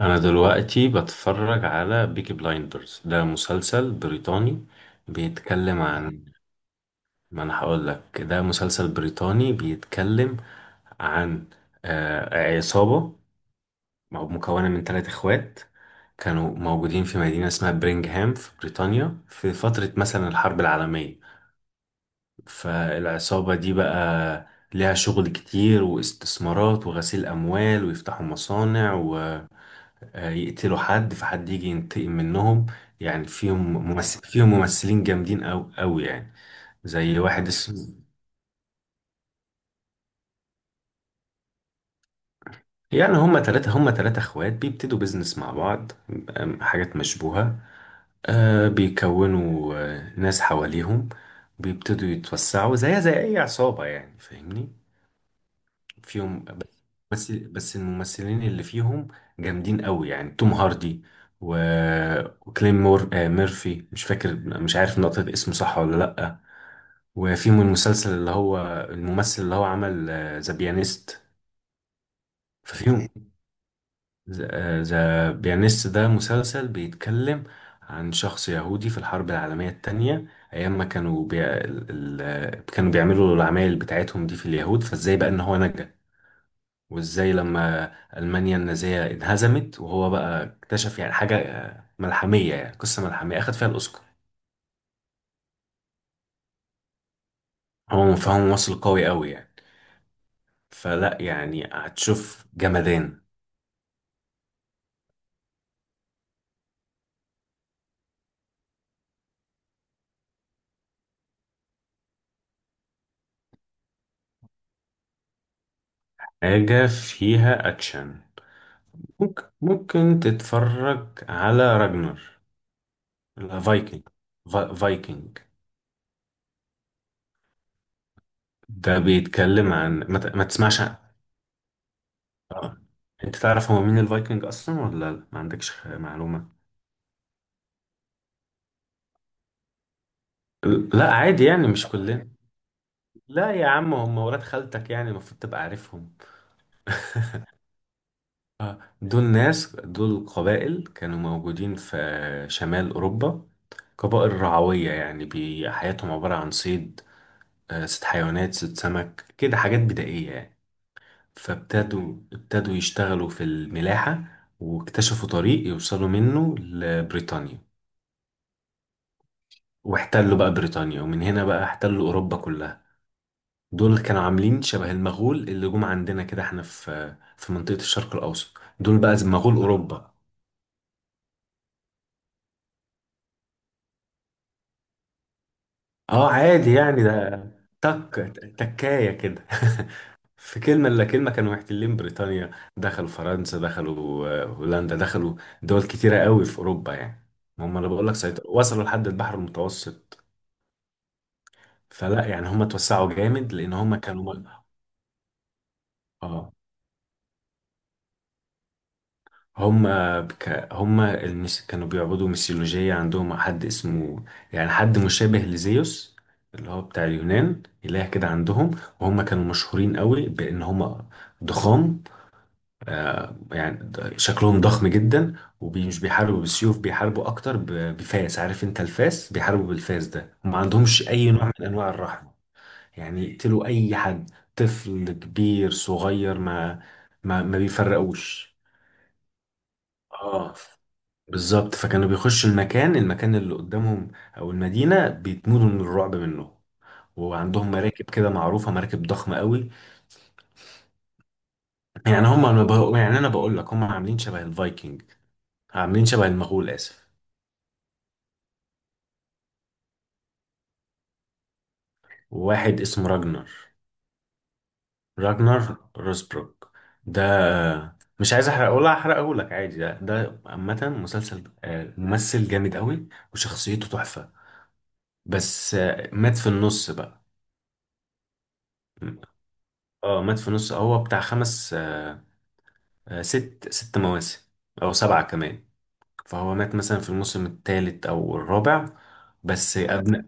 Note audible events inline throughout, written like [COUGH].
انا دلوقتي بتفرج على بيكي بلايندرز، ده مسلسل بريطاني بيتكلم عن ما. انا هقول لك، ده مسلسل بريطاني بيتكلم عن عصابة مكونة من ثلاث اخوات، كانوا موجودين في مدينة اسمها برينغهام في بريطانيا في فترة مثلا الحرب العالمية. فالعصابة دي بقى ليها شغل كتير واستثمارات وغسيل أموال ويفتحوا مصانع، يقتلوا حد فحد يجي ينتقم منهم. يعني فيهم ممثلين جامدين أوي أوي يعني. زي واحد اسمه، يعني هما هما تلاتة اخوات بيبتدوا بيزنس مع بعض، حاجات مشبوهة. بيكونوا ناس حواليهم، بيبتدوا يتوسعوا زيها زي أي عصابة، يعني فاهمني. فيهم، بس الممثلين اللي فيهم جامدين أوي يعني، توم هاردي و... وكليم مور... آه ميرفي، مش فاكر، مش عارف نطق اسمه صح ولا لأ. وفيهم المسلسل اللي هو الممثل اللي هو عمل ذا بيانيست. ففيهم ذا بيانيست، ده مسلسل بيتكلم عن شخص يهودي في الحرب العالمية التانية، أيام ما كانوا بي... ال... كانوا بيعملوا العمايل بتاعتهم دي في اليهود، فازاي بقى إن هو نجا، وازاي لما ألمانيا النازية انهزمت وهو بقى اكتشف يعني حاجة ملحمية، يعني قصة ملحمية أخد فيها الأوسكار. هو فهو ممثل قوي يعني، فلا يعني هتشوف جمدان. حاجة فيها أكشن؟ ممكن تتفرج على راجنر، فايكنج. فايكنج ده بيتكلم عن ما تسمعش عن... آه. انت تعرف هو مين الفايكنج اصلا ولا لا؟ ما عندكش معلومة؟ لا عادي يعني، مش كلنا. لا يا عم، هم ولاد خالتك يعني، المفروض تبقى عارفهم. [LAUGHS] دول ناس، دول قبائل كانوا موجودين في شمال أوروبا. قبائل رعوية يعني، حياتهم عبارة عن صيد، ست حيوانات، ست سمك كده، حاجات بدائية يعني. فابتدوا يشتغلوا في الملاحة، واكتشفوا طريق يوصلوا منه لبريطانيا، واحتلوا بقى بريطانيا، ومن هنا بقى احتلوا أوروبا كلها. دول كانوا عاملين شبه المغول اللي جم عندنا كده احنا في منطقة الشرق الأوسط، دول بقى زي مغول أوروبا. اه عادي يعني، ده تك، تكاية كده. [LAUGHS] في كلمة إلا كلمة كانوا محتلين بريطانيا، دخلوا فرنسا، دخلوا هولندا، دخلوا دول كتيرة قوي في أوروبا يعني. هم أنا بقول لك سيطروا، وصلوا لحد البحر المتوسط. فلا يعني هم اتوسعوا جامد، لأن هم كانوا اه. هما المس... كانوا بيعبدوا ميثولوجية، عندهم حد اسمه، يعني حد مشابه لزيوس اللي هو بتاع اليونان، إله كده عندهم. وهم كانوا مشهورين قوي بإن هما ضخام، يعني شكلهم ضخم جدا، ومش بيحاربوا بالسيوف، بيحاربوا أكتر ب... بفاس. عارف أنت الفاس؟ بيحاربوا بالفاس ده، وما عندهمش أي نوع من أنواع الرحمة. يعني يقتلوا أي حد، طفل كبير صغير، ما بيفرقوش. اه بالظبط. فكانوا بيخشوا المكان اللي قدامهم او المدينه، بيتموتوا من الرعب منه. وعندهم مراكب كده معروفه، مراكب ضخمه قوي. يعني هم يعني انا بقول لك هم عاملين شبه الفايكنج، عاملين شبه المغول، اسف. وواحد اسمه راجنر، راجنر روسبروك. ده مش عايز احرقه، ولا احرقه لك عادي، ده ده عامه مسلسل ممثل جامد قوي وشخصيته تحفه. بس آه، مات في النص بقى. اه مات في النص، هو بتاع خمس ست، ست مواسم أو سبعة كمان. فهو مات مثلا في الموسم الثالث أو الرابع. بس أبناء،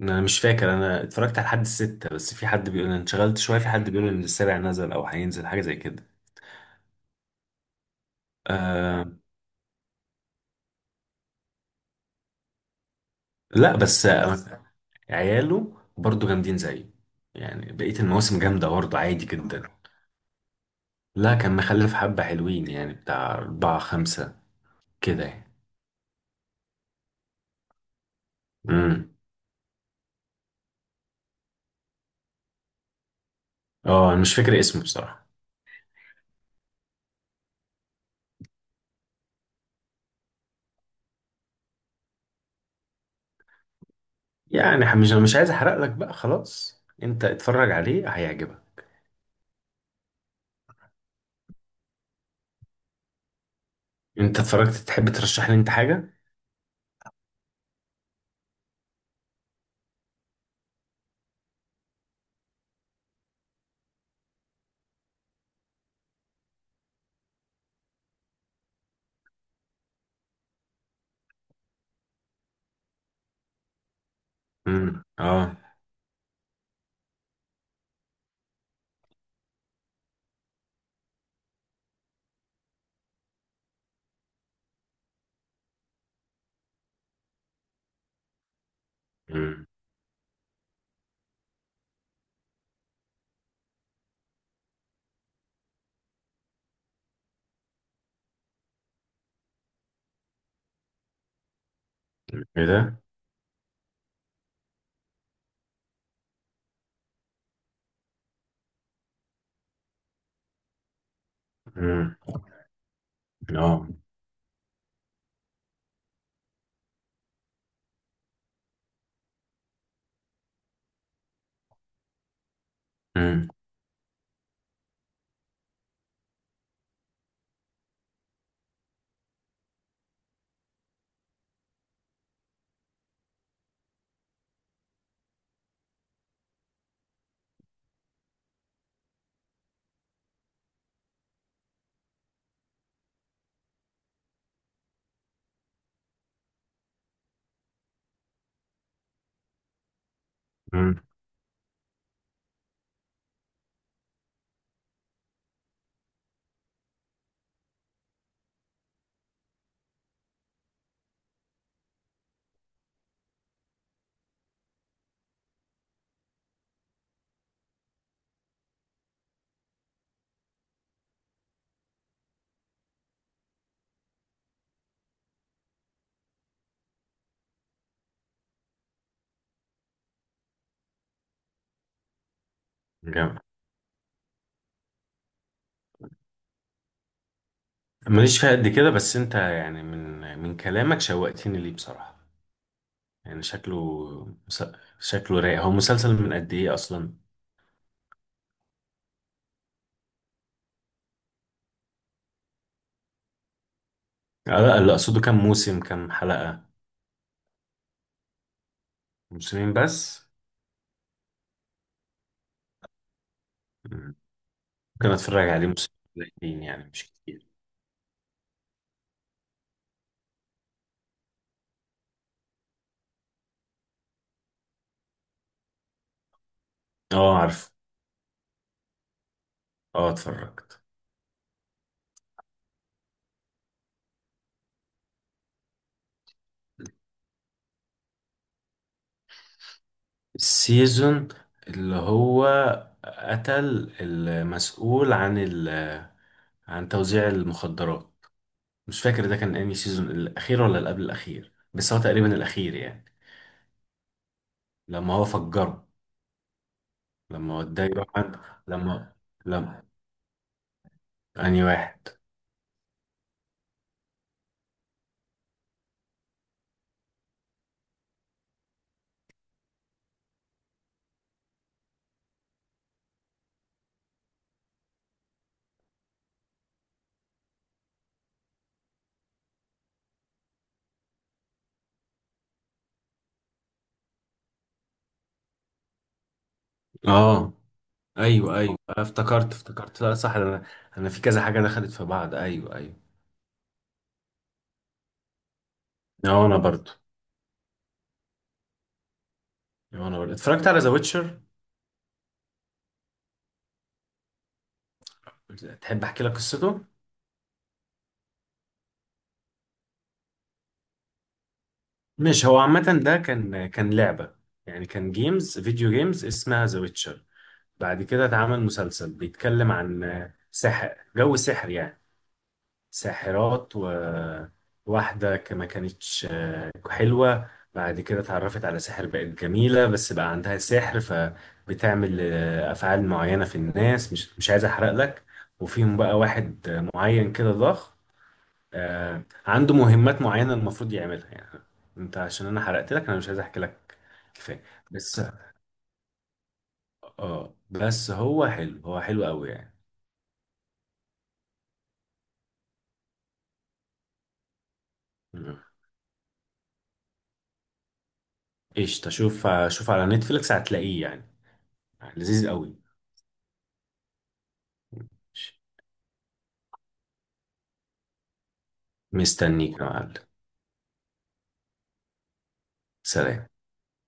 أنا مش فاكر، أنا اتفرجت على حد الستة، بس في حد بيقول، أنا انشغلت شوية، في حد بيقول إن السابع نزل أو هينزل حاجة زي كده. أه لا، بس آه، عياله برضو جامدين زيه، يعني بقية المواسم جامدة برضو عادي جدا. لا كان مخلف حبة حلوين يعني، بتاع أربعة خمسة كده يعني. امم اه، أنا مش فاكر اسمه بصراحة. يعني مش عايز احرق لك بقى، خلاص انت اتفرج عليه هيعجبك. انت اتفرجت، تحب ترشح لي انت حاجه؟ امم. اه. امم. ايه ده؟ امم. اه. امم. امم. جامد. ماليش فيها قد كده، بس انت يعني من كلامك شوقتني ليه بصراحه، يعني شكله، مس- شكله رايق. هو مسلسل من قد ايه اصلا؟ لا اللي اقصده كام موسم كام حلقه. موسمين بس؟ مم. ممكن اتفرج عليه، موسمين قليلين يعني مش كتير. اه عارف. اه اتفرجت. السيزون اللي هو قتل المسؤول عن ال، عن توزيع المخدرات، مش فاكر ده كان انهي سيزون، الاخير ولا اللي قبل الاخير، بس هو تقريبا الاخير يعني، لما هو فجره. لما وداه يروح عند، لما، لما، انهي واحد؟ اه ايوه ايوه، أنا افتكرت. لا صح انا، انا في كذا حاجه دخلت في بعض. ايوه ايوه. اه انا برضو. اه انا برضو اتفرجت على ذا ويتشر. تحب احكي لك قصته؟ مش هو عامة ده كان، كان لعبة يعني، كان جيمز، فيديو جيمز اسمها ذا ويتشر. بعد كده اتعمل مسلسل بيتكلم عن سحر، جو سحر يعني، ساحرات. وواحدة ما كانتش حلوة، بعد كده اتعرفت على سحر، بقت جميلة بس بقى عندها سحر، فبتعمل أفعال معينة في الناس. مش عايز أحرق لك. وفيهم بقى واحد معين كده ضخم، عنده مهمات معينة المفروض يعملها يعني. انت عشان انا حرقت لك، انا مش عايز احكي لك. كفاية. بس اه، بس هو حلو، هو حلو قوي يعني. مم. ايش تشوف، شوف على نتفليكس هتلاقيه يعني، لذيذ قوي. ماشي. مستنيك يا معلم. سلام.